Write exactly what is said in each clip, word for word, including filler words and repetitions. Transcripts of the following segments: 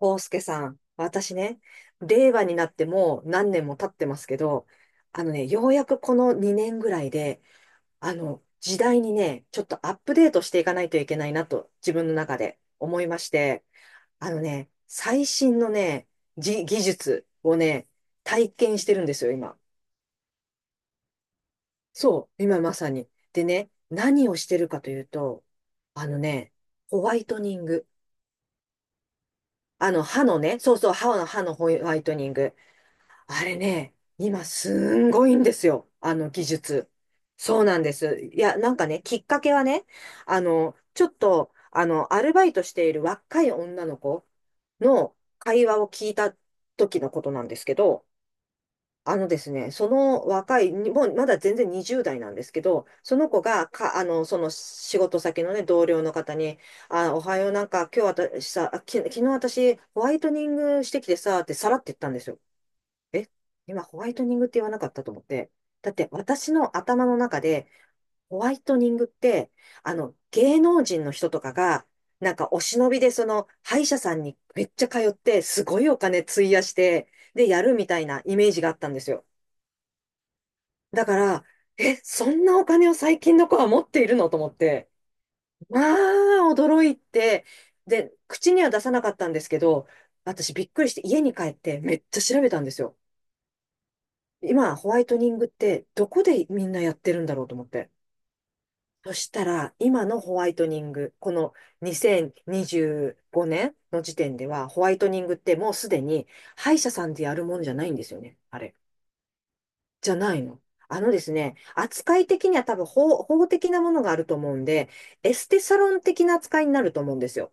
康介さん、私ね、令和になってもう何年も経ってますけど、あのね、ようやくこのにねんぐらいで、あの、時代にね、ちょっとアップデートしていかないといけないなと、自分の中で思いまして、あのね、最新のね、じ技術をね、体験してるんですよ、今。そう、今まさに。でね、何をしてるかというと、あのね、ホワイトニング。あの、歯のね、そうそう、歯の、歯のホワイトニング。あれね、今すんごいんですよ。あの技術。そうなんです。いや、なんかね、きっかけはね、あの、ちょっと、あの、アルバイトしている若い女の子の会話を聞いた時のことなんですけど、あのですね、その若い、にもうまだ全然にじゅう代なんですけど、その子がか、あの、その仕事先のね、同僚の方に、あ、おはよう、なんか今日私さ、あき、昨日私ホワイトニングしてきてさ、ってさらって言ったんですよ。え、今ホワイトニングって言わなかったと思って。だって私の頭の中で、ホワイトニングって、あの、芸能人の人とかが、なんかお忍びでその歯医者さんにめっちゃ通って、すごいお金費やして、で、やるみたいなイメージがあったんですよ。だから、え、そんなお金を最近の子は持っているのと思って、まあ、驚いて、で、口には出さなかったんですけど、私びっくりして家に帰ってめっちゃ調べたんですよ。今、ホワイトニングってどこでみんなやってるんだろうと思って。そしたら、今のホワイトニング、このにせんにじゅうごねんの時点では、ホワイトニングってもうすでに歯医者さんでやるもんじゃないんですよね。あれ。じゃないの。あのですね、扱い的には多分法、法的なものがあると思うんで、エステサロン的な扱いになると思うんですよ。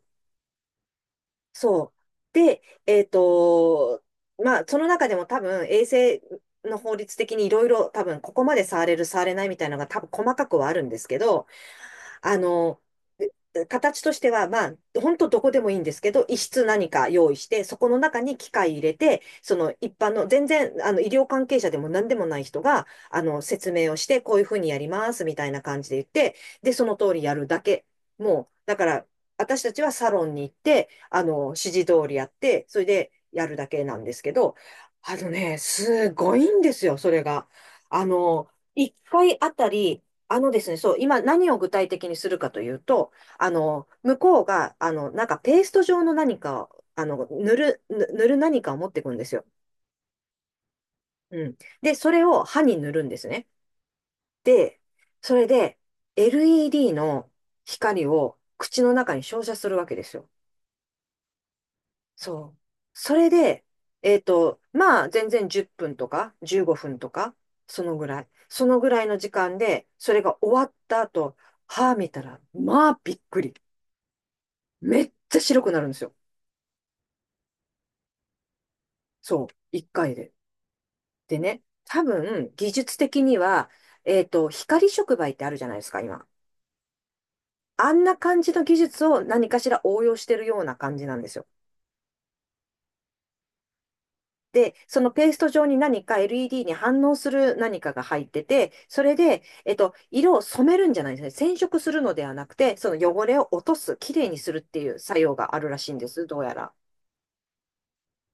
そう。で、えっと、まあ、その中でも多分、衛星の法律的にいろいろ多分、ここまで触れる、触れないみたいなのが多分、細かくはあるんですけど、あの、形としては、まあ、本当どこでもいいんですけど、一室何か用意して、そこの中に機械入れて、その一般の、全然、あの、医療関係者でも何でもない人が、あの、説明をして、こういうふうにやります、みたいな感じで言って、で、その通りやるだけ。もう、だから、私たちはサロンに行って、あの、指示通りやって、それでやるだけなんですけど、あのね、すごいんですよ、それが。あの、いっかいあたり、あのですね、そう、今何を具体的にするかというと、あの、向こうが、あの、なんかペースト状の何かを、あの、塗る、ぬ塗る何かを持ってくるんですよ。うん。で、それを歯に塗るんですね。で、それで エルイーディー の光を口の中に照射するわけですよ。そう。それで、えっと、まあ、全然じゅっぷんとかじゅうごふんとか、そのぐらい。そのぐらいの時間で、それが終わった後、歯見たら、まあ、びっくり。めっちゃ白くなるんですよ。そう、一回で。でね、多分、技術的には、えっと、光触媒ってあるじゃないですか、今。あんな感じの技術を何かしら応用してるような感じなんですよ。で、そのペースト状に何か エルイーディー に反応する何かが入ってて、それで、えっと、色を染めるんじゃないんですね。染色するのではなくて、その汚れを落とす、きれいにするっていう作用があるらしいんです、どうやら。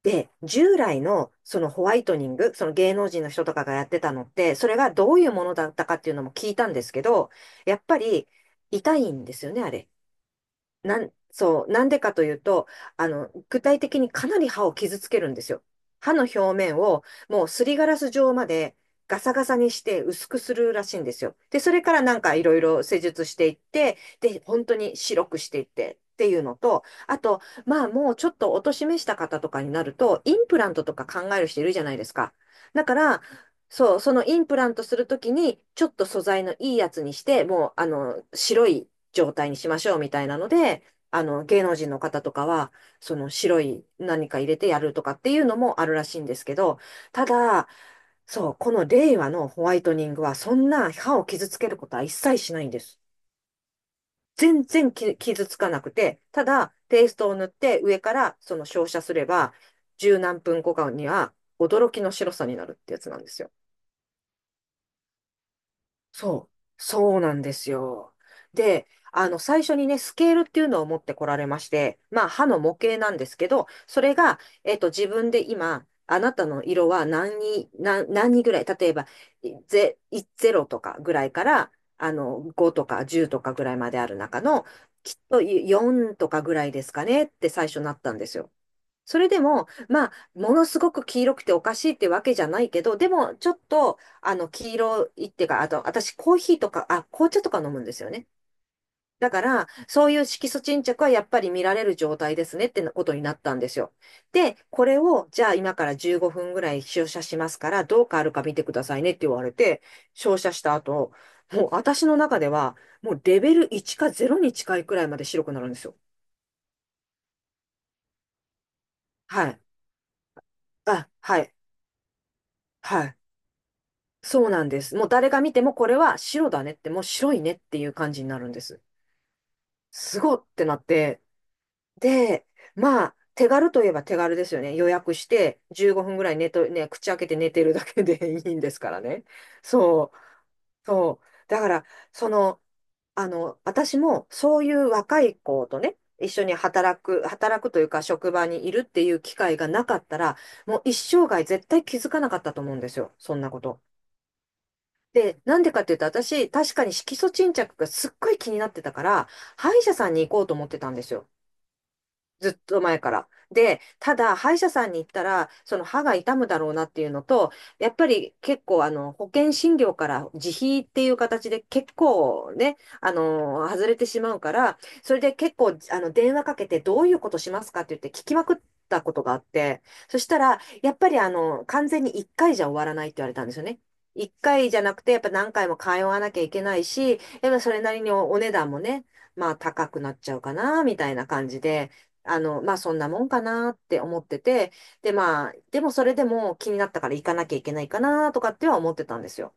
で、従来のそのホワイトニング、その芸能人の人とかがやってたのって、それがどういうものだったかっていうのも聞いたんですけど、やっぱり痛いんですよね、あれ。なん、そう、なんでかというと、あの、具体的にかなり歯を傷つけるんですよ。歯の表面をもうすりガラス状までガサガサにして薄くするらしいんですよ。で、それからなんかいろいろ施術していって、で、本当に白くしていってっていうのと、あと、まあもうちょっとお年めした方とかになると、インプラントとか考える人いるじゃないですか。だから、そう、そのインプラントするときに、ちょっと素材のいいやつにして、もう、あの、白い状態にしましょうみたいなので、あの、芸能人の方とかは、その白い何か入れてやるとかっていうのもあるらしいんですけど、ただ、そう、この令和のホワイトニングは、そんな歯を傷つけることは一切しないんです。全然き傷つかなくて、ただ、ペーストを塗って上からその照射すれば、十何分後かには驚きの白さになるってやつなんですよ。そう、そうなんですよ。で、あの、最初にね、スケールっていうのを持ってこられまして、まあ、歯の模型なんですけど、それが、えっと、自分で今、あなたの色は何に、何、何にぐらい、例えば、いゼ、いゼロとかぐらいから、あの、ごとかじゅうとかぐらいまである中の、きっとよんとかぐらいですかねって最初なったんですよ。それでも、まあ、ものすごく黄色くておかしいってわけじゃないけど、でも、ちょっと、あの、黄色いっていうか、あと、私、コーヒーとか、あ、紅茶とか飲むんですよね。だから、そういう色素沈着はやっぱり見られる状態ですねってことになったんですよ。で、これを、じゃあ今からじゅうごふんぐらい照射しますから、どう変わるか見てくださいねって言われて、照射した後、もう私の中では、もうレベルいちかゼロに近いくらいまで白くなるんですよ。はい。あ、はい。はい。そうなんです。もう誰が見てもこれは白だねって、もう白いねっていう感じになるんです。すごってなって。で、まあ、手軽といえば手軽ですよね。予約してじゅうごふんぐらい寝と、ね、口開けて寝てるだけで いいんですからね。そう、そう。だから、その、あの、私もそういう若い子とね、一緒に働く、働くというか職場にいるっていう機会がなかったら、もう一生涯絶対気づかなかったと思うんですよ。そんなこと。で、なんでかっていうと、私、確かに色素沈着がすっごい気になってたから、歯医者さんに行こうと思ってたんですよ。ずっと前から。で、ただ、歯医者さんに行ったら、その歯が痛むだろうなっていうのと、やっぱり結構、あの、保険診療から自費っていう形で結構ね、あの、外れてしまうから、それで結構、あの、電話かけてどういうことしますかって言って聞きまくったことがあって、そしたら、やっぱりあの、完全にいっかいじゃ終わらないって言われたんですよね。いっかいじゃなくて、やっぱ何回も通わなきゃいけないし、やっぱそれなりにおお値段もね、まあ高くなっちゃうかな、みたいな感じで、あの、まあそんなもんかなって思ってて、でまあ、でもそれでも気になったから行かなきゃいけないかなとかっては思ってたんですよ。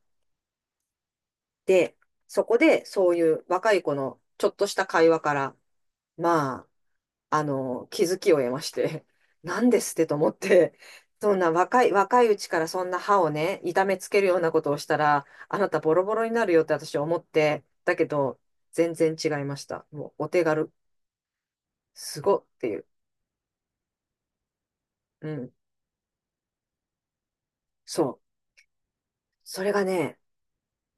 で、そこでそういう若い子のちょっとした会話から、まあ、あの、気づきを得まして、なんですってと思って、そんな若い、若いうちからそんな歯をね、痛めつけるようなことをしたら、あなたボロボロになるよって私思って、だけど、全然違いました。もうお手軽、すごっていう。うん、そう。それがね、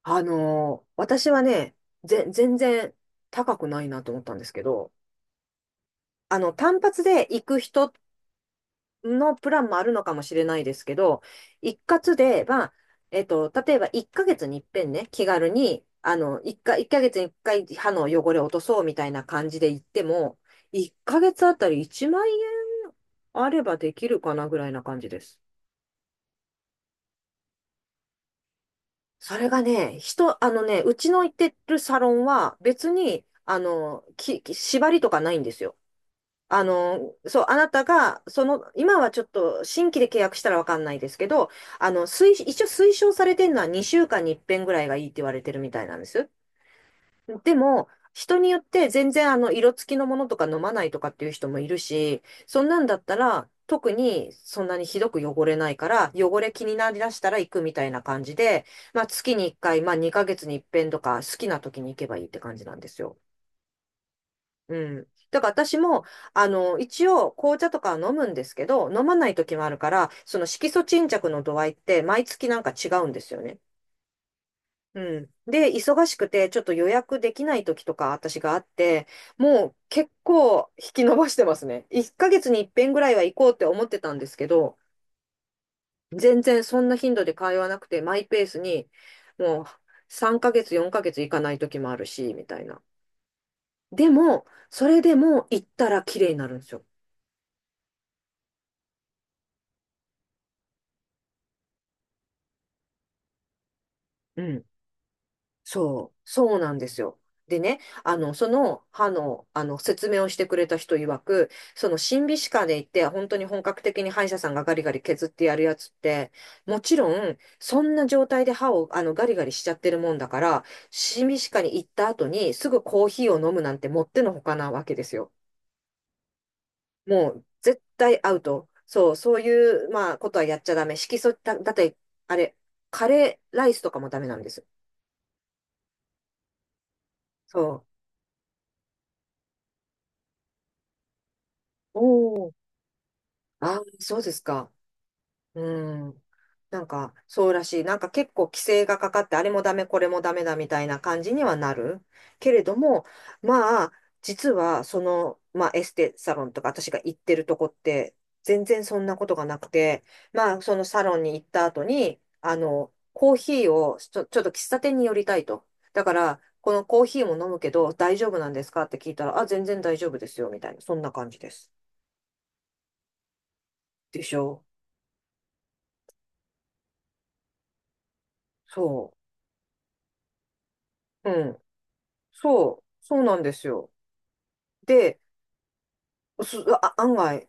あのー私はね、ぜ、全然高くないなと思ったんですけど、あの、単発で行く人のプランもあるのかもしれないですけど、一括で、まあ、えっと、例えばいっかげつに一遍ね、気軽に、あの、1か、一ヶ月にいっかい歯の汚れを落とそうみたいな感じで行っても、いっかげつあたりいちまん円あればできるかなぐらいな感じです。それがね、人、あのね、うちの行ってるサロンは別に、あの、き、き縛りとかないんですよ。あの、そう、あなたが、その、今はちょっと新規で契約したらわかんないですけど、あの、推、一応推奨されてるのはにしゅうかんに一遍ぐらいがいいって言われてるみたいなんです。でも、人によって全然あの、色付きのものとか飲まないとかっていう人もいるし、そんなんだったら、特にそんなにひどく汚れないから、汚れ気になりだしたら行くみたいな感じで、まあ月にいっかい、まあにかげつに一遍とか、好きな時に行けばいいって感じなんですよ。うん。だから私も、あの、一応紅茶とかは飲むんですけど、飲まない時もあるから、その色素沈着の度合いって毎月なんか違うんですよね。うん。で、忙しくて、ちょっと予約できない時とか私があって、もう結構引き延ばしてますね。いっかげつに一遍ぐらいは行こうって思ってたんですけど、全然そんな頻度で通わなくて、マイペースに、もうさんかげつ、よんかげつ行かない時もあるし、みたいな。でも、それでも行ったら綺麗になるんですよ。うん。そう、そうなんですよ。でね、あの、その歯の、あの、説明をしてくれた人曰く、その審美歯科で行って、本当に本格的に歯医者さんがガリガリ削ってやるやつって、もちろん、そんな状態で歯を、あの、ガリガリしちゃってるもんだから、審美歯科に行った後に、すぐコーヒーを飲むなんてもってのほかなわけですよ。もう、絶対アウト。そう、そういう、まあ、ことはやっちゃダメ。色素、だ、だって、あれ、カレーライスとかもダメなんです。そう。おー。ああ、そうですか。うん。なんか、そうらしい。なんか結構規制がかかって、あれもダメ、これもダメだみたいな感じにはなる。けれども、まあ、実は、その、まあ、エステサロンとか私が行ってるとこって、全然そんなことがなくて、まあ、そのサロンに行った後に、あの、コーヒーをちょ、ちょっと喫茶店に寄りたいと。だから、このコーヒーも飲むけど、大丈夫なんですかって聞いたら、あ、全然大丈夫ですよ、みたいな、そんな感じです。でしょ。そう。うん。そう、そうなんですよ。で、す、あ、案外、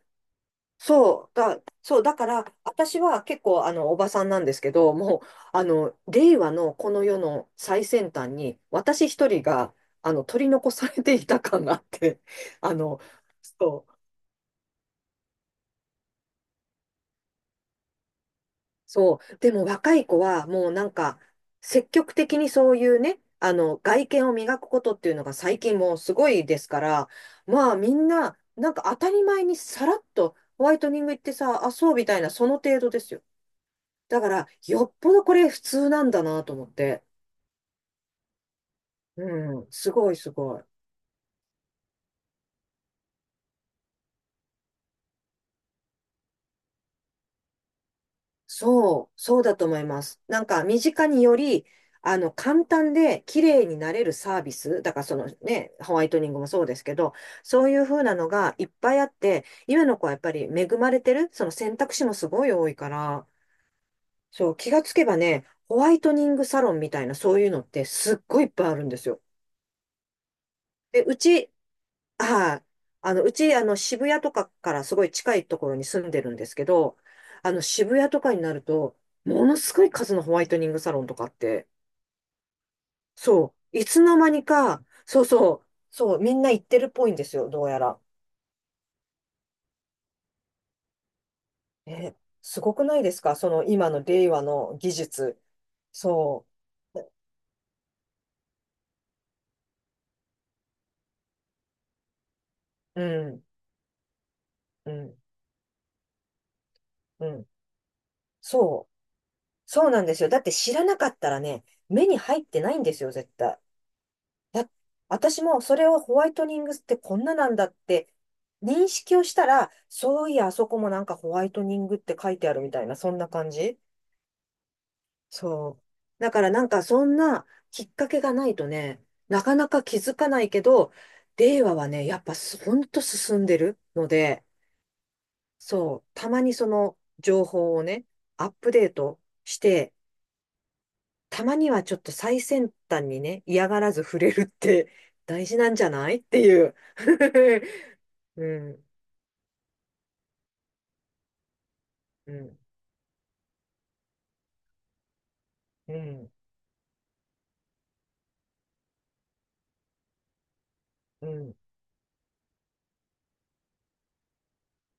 そう、だ、そう、だから、私は結構、あの、おばさんなんですけど、もう、あの、令和のこの世の最先端に、私一人が、あの、取り残されていた感があって、あの、そうそう。でも若い子はもうなんか積極的にそういうね、あの外見を磨くことっていうのが最近もうすごいですから、まあみんななんか当たり前にさらっとホワイトニング行ってさ、あ、そうみたいなその程度ですよ。だからよっぽどこれ普通なんだなと思って。うん、すごいすごい。そう、そうだと思います。なんか、身近により、あの、簡単で綺麗になれるサービス、だからそのね、ホワイトニングもそうですけど、そういう風なのがいっぱいあって、今の子はやっぱり恵まれてる、その選択肢もすごい多いから、そう、気がつけばね、ホワイトニングサロンみたいなそういうのってすっごいいっぱいあるんですよ。で、うち、はい。あの、うち、あの、渋谷とかからすごい近いところに住んでるんですけど、あの、渋谷とかになると、ものすごい数のホワイトニングサロンとかあって、そう、いつの間にか、そうそう、そう、みんな行ってるっぽいんですよ、どうやら。え、すごくないですかその今の令和の技術。そう。うん、うん、うん。そう、そうなんですよ。だって知らなかったらね、目に入ってないんですよ、絶対。だ、私もそれをホワイトニングってこんななんだって認識をしたら、そういや、あそこもなんかホワイトニングって書いてあるみたいな、そんな感じ。そう。だからなんかそんなきっかけがないとね、なかなか気づかないけど、令和はね、やっぱすほんと進んでるので、そう、たまにその情報をね、アップデートして、たまにはちょっと最先端にね、嫌がらず触れるって大事なんじゃないっていう。 うん、うん、うん、うん。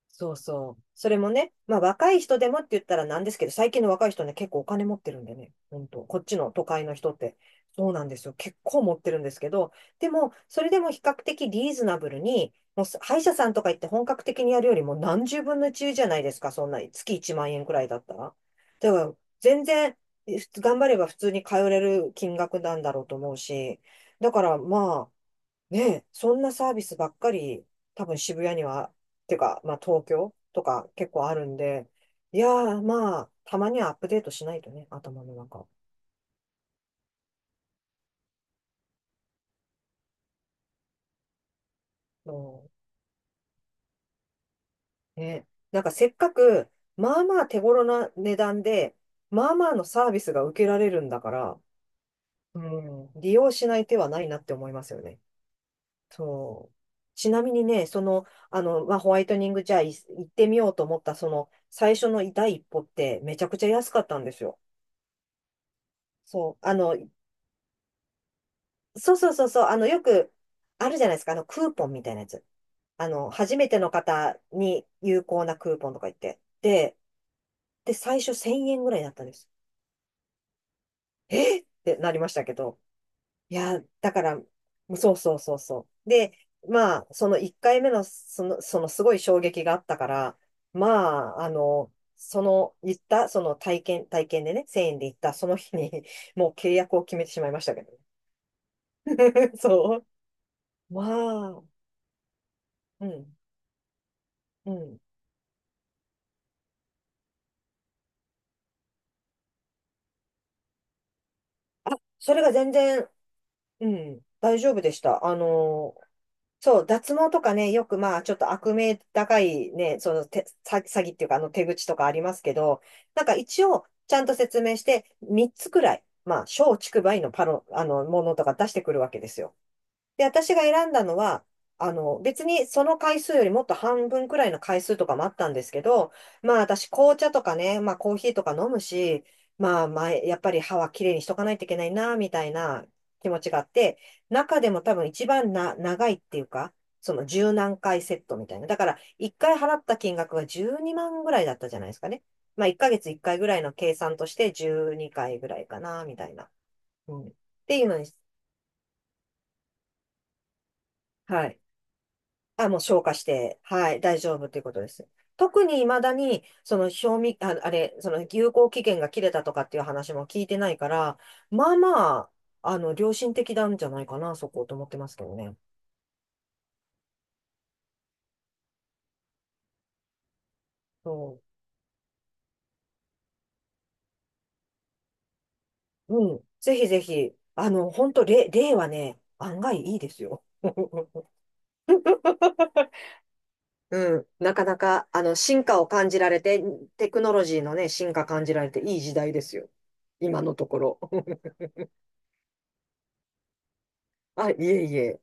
そうそう。それもね、まあ若い人でもって言ったらなんですけど、最近の若い人ね、結構お金持ってるんでね、本当こっちの都会の人って、そうなんですよ。結構持ってるんですけど、でも、それでも比較的リーズナブルに、もう歯医者さんとか行って本格的にやるよりも何十分のいちじゃないですか、そんな月いちまん円くらいだったら。だから、全然、え頑張れば普通に通れる金額なんだろうと思うし、だからまあ、ねえ、そんなサービスばっかり、多分渋谷には、てか、まあ東京とか結構あるんで、いやー、まあ、たまにはアップデートしないとね、頭の中。もうんね、なんかせっかく、まあまあ手頃な値段で、まあまあのサービスが受けられるんだから、うん、利用しない手はないなって思いますよね。そう。ちなみにね、その、あの、まあ、ホワイトニングじゃあい行ってみようと思った、その、最初の第一歩ってめちゃくちゃ安かったんですよ。そう、あの、そうそうそうそう、あの、よくあるじゃないですか、あの、クーポンみたいなやつ。あの、初めての方に有効なクーポンとか言って。で、で、最初せんえんぐらいだったんです。えっってなりましたけど。いや、だから、そうそうそうそう。で、まあ、そのいっかいめの、その、そのすごい衝撃があったから、まあ、あの、その、言った、その体験、体験でね、せんえんで行った、その日に、もう契約を決めてしまいましたけどね。そう。まあ、うん。うん。それが全然、うん、大丈夫でした。あのー、そう、脱毛とかね、よくまあ、ちょっと悪名高いね、その手、詐詐欺っていうか、あの手口とかありますけど、なんか一応、ちゃんと説明して、みっつくらい、まあ、小竹梅のパロ、あの、ものとか出してくるわけですよ。で、私が選んだのは、あの、別にその回数よりもっと半分くらいの回数とかもあったんですけど、まあ私紅茶とかね、まあコーヒーとか飲むし、まあ前、やっぱり歯はきれいにしとかないといけないな、みたいな気持ちがあって、中でも多分一番な、長いっていうか、その十何回セットみたいな。だから一回払った金額がじゅうにまんぐらいだったじゃないですかね。まあいっかげついっかいぐらいの計算としてじゅうにかいぐらいかな、みたいな。うん。っていうのに、はい。あ、もう消化して、はい、大丈夫ということです。特に未だに、その賞味、あ、あれ、その有効期限が切れたとかっていう話も聞いてないから、まあまあ、あの、良心的なんじゃないかな、そこと思ってますけどね。そう。うん。ぜひぜひ、あの、本当例、例はね、案外いいですよ。うん。なかなか、あの、進化を感じられて、テクノロジーのね、進化感じられていい時代ですよ。今のところ。あ、いえいえ。